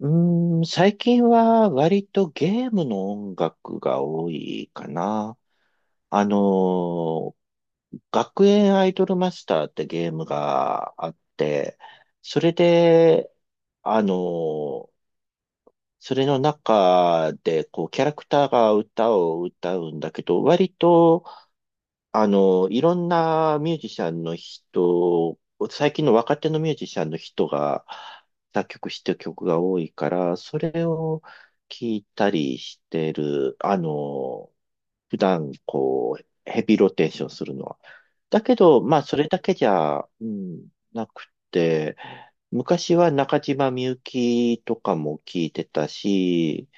うーん、最近は割とゲームの音楽が多いかな。あのー、学園アイドルマスターってゲームがあって、それで、あのー、それの中で、こう、キャラクターが歌を歌うんだけど、割と、いろんなミュージシャンの人、最近の若手のミュージシャンの人が作曲してる曲が多いから、それを聞いたりしてる、普段こう、ヘビーローテーションするのは。だけど、まあ、それだけじゃ、うん、なくて、昔は中島みゆきとかも聞いてたし、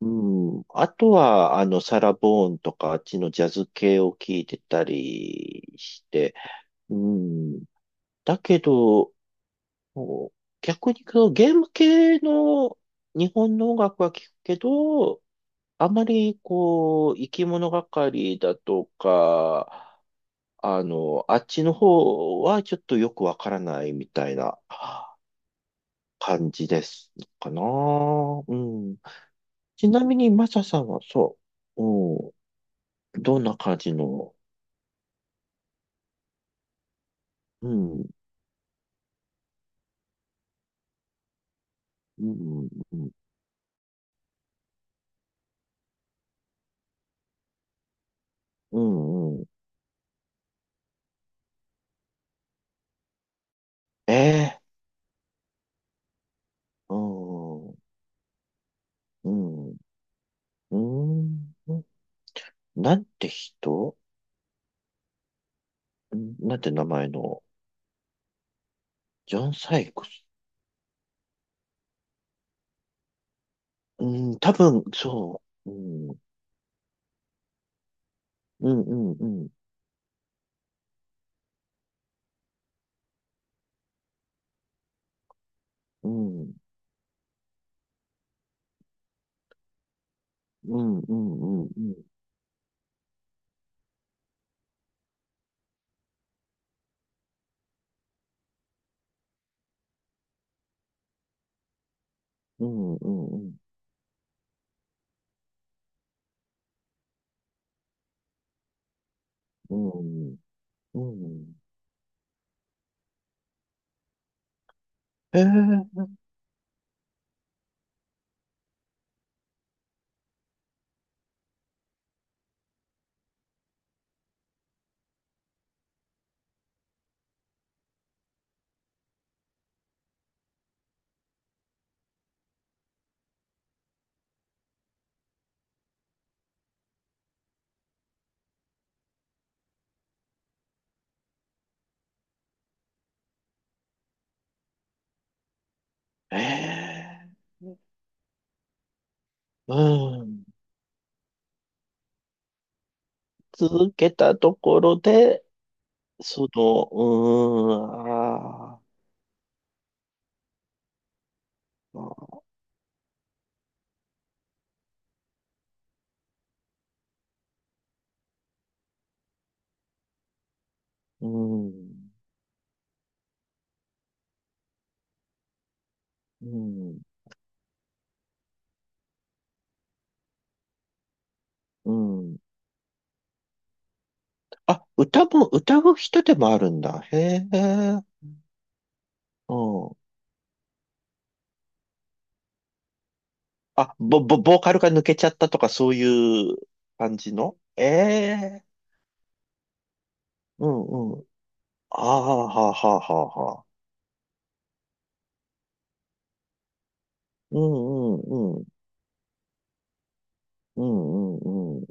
うん。あとは、サラ・ボーンとか、あっちのジャズ系を聞いてたりして、うん。だけど、こう逆にこう、ゲーム系の日本の音楽は聞くけど、あまりこう、生き物がかりだとか、あっちの方はちょっとよくわからないみたいな感じですかな。うん。ちなみに、マサさんはそう。どんな感じの、うん、うん、うん、うん、うん、ええ、うん、うん、うん、なんて人。うん、なんて名前の、ジョン・サイクス。うん、多分、そう、うん、うん、うん、うん、うん、うん、うん、うん、うん、うん、うん、うん、うん、ええええ、うん、続けたところで、うーん、あー、うん、うん、うん。あ、歌も、歌う人でもあるんだ。へえ。うん。あ、ボーカルが抜けちゃったとかそういう感じの、ええ。うん、うん。ああ、はあ、はあ、はあ、はあ。うん、うん、うん。うん、うん、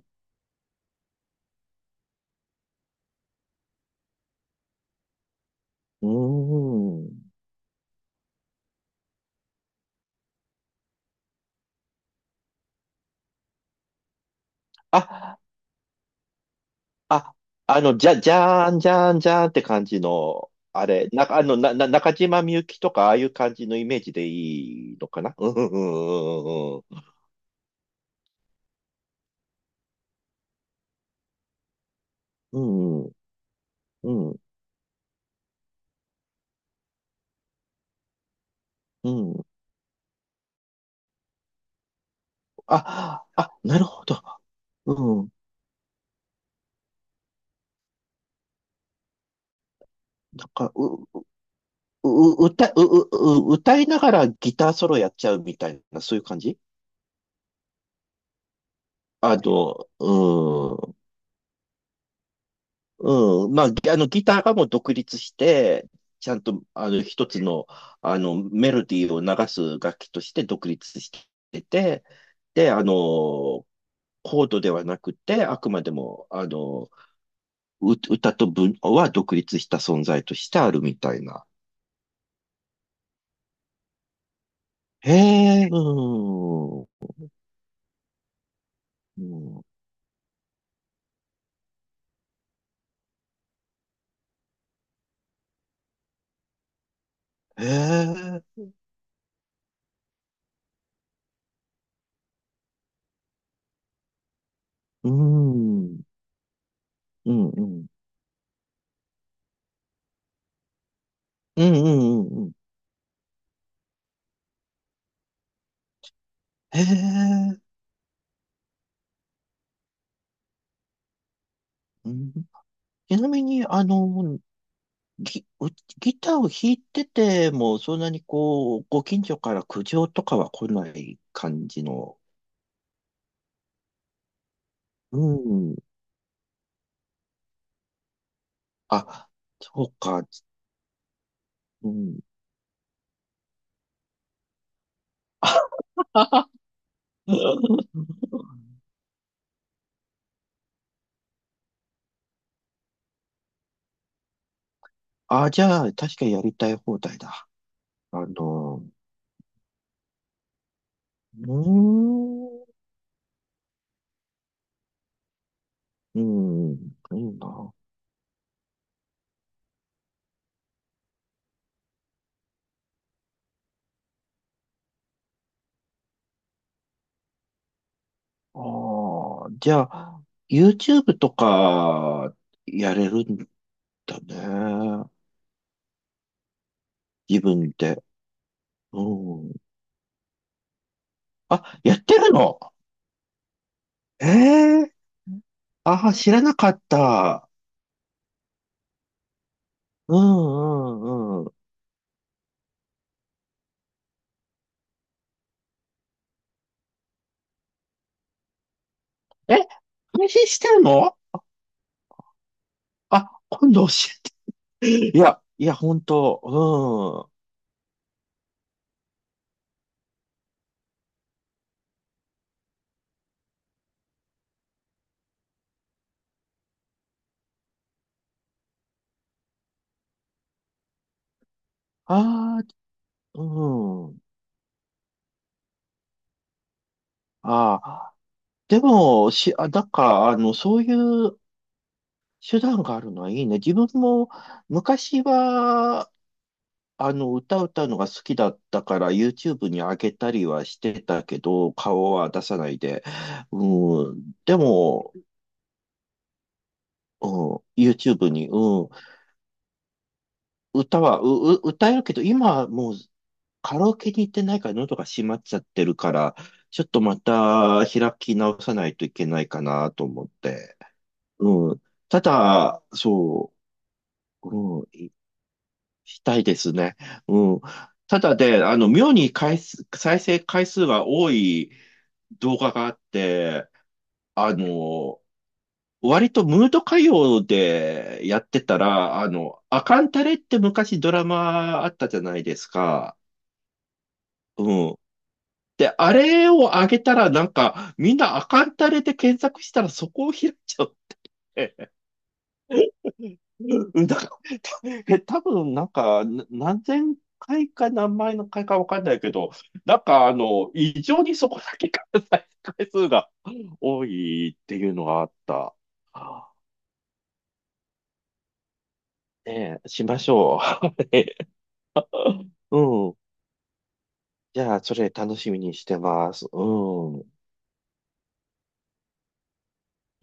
うん。うん。あ、あ、じゃーん、じゃーん、じゃーんって感じの、あれ、な、あの、な、な、中島みゆきとか、ああいう感じのイメージでいいのかな。うん、うん、うん、うん、うん、うん、うん、うん。あ、あ、なるほど。うん。なんか、う、う、う歌う、う、う歌いながらギターソロやっちゃうみたいな、そういう感じ。うん、うん。まあ、ぎあの、ギターがもう独立して、ちゃんと、一つの、メロディーを流す楽器として独立してて、で、コードではなくて、あくまでも、歌と文は独立した存在としてあるみたいな。へえ、うーん。うん、へえ。うーん。うん、うん。うん、うん、うん。うん、へえ。うん。ちなみに、ギ、うギターを弾いてても、そんなにこう、ご近所から苦情とかは来ない感じの。うん。あ、そうか。うん。あ、じゃあ、確かにやりたい放題だ。あの、うーん。うん。いいな。ああ、じゃあ、YouTube とか、やれるんだね。自分で。うん。あ、やってるの？ええー、ああ、知らなかった。うん、うん、うん。え、配信してるの？あ、今度教えて。いや、いや、本当、うん。ああ、うん。ああ、でも、だから、そういう手段があるのはいいね。自分も昔は、歌歌うのが好きだったから YouTube に上げたりはしてたけど、顔は出さないで。うん、でも、うん、YouTube に、うん、歌は、歌えるけど、今はもうカラオケに行ってないから喉が閉まっちゃってるから、ちょっとまた開き直さないといけないかなと思って。うん、ただ、そう、うん。したいですね。うん。ただで、妙に再生回数が多い動画があって、あの、割とムード歌謡でやってたら、アカンタレって昔ドラマあったじゃないですか。うん。で、あれを上げたらなんか、みんなアカンタレで検索したらそこを開いちゃう。うん。多分なんか、何千回か何万の回かわかんないけど、なんか異常にそこだけが再生回数が多いっていうのがあった。ねえ、しましょう。ね。うん。じゃあ、それ楽しみにしてます。うん。う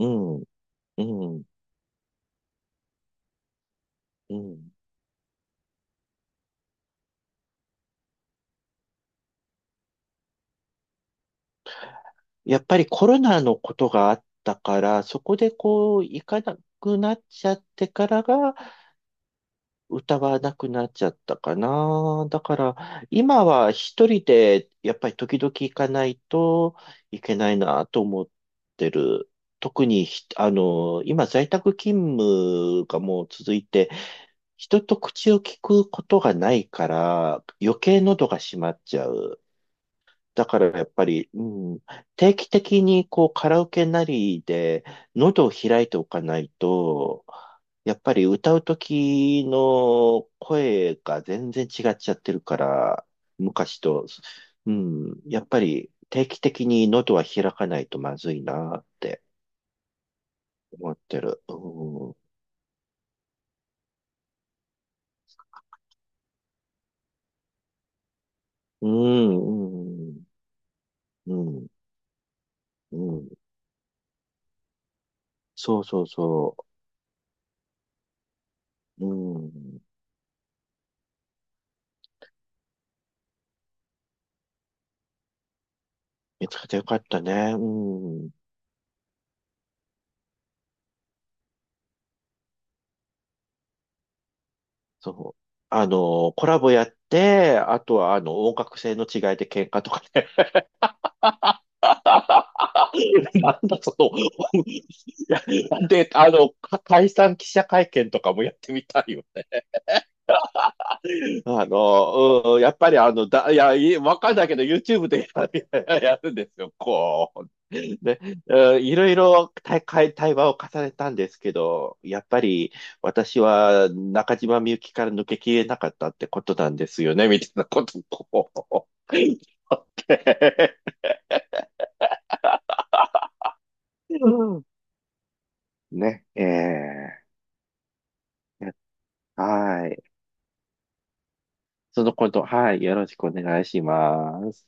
ん。うん。うん。やっぱりコロナのことがあったから、そこでこう、行かなくなっちゃってからが、歌がなくなっちゃったかな。だから、今は一人で、やっぱり時々行かないといけないなと思ってる。特にひ、あの、今在宅勤務がもう続いて、人と口を聞くことがないから、余計喉が閉まっちゃう。だからやっぱり、うん、定期的にこうカラオケなりで喉を開いておかないと、やっぱり歌う時の声が全然違っちゃってるから、昔と、うん、やっぱり定期的に喉は開かないとまずいなって思ってる。うん、うん、うん、うん、うん、そうそうそう。うん、見つけてよかったね。うん。そう。コラボやって、あとは、音楽性の違いで喧嘩とかね。なんだ、で、解散記者会見とかもやってみたいよね。うん、やっぱり、いや、わかんないけど、YouTube でやる、んですよ、こう。で、うん、いろいろ対話を重ねたんですけど、やっぱり私は中島みゆきから抜けきれなかったってことなんですよね、みたいなことを 言って、うん、ね、ーはい。そのこと、はい、よろしくお願いします。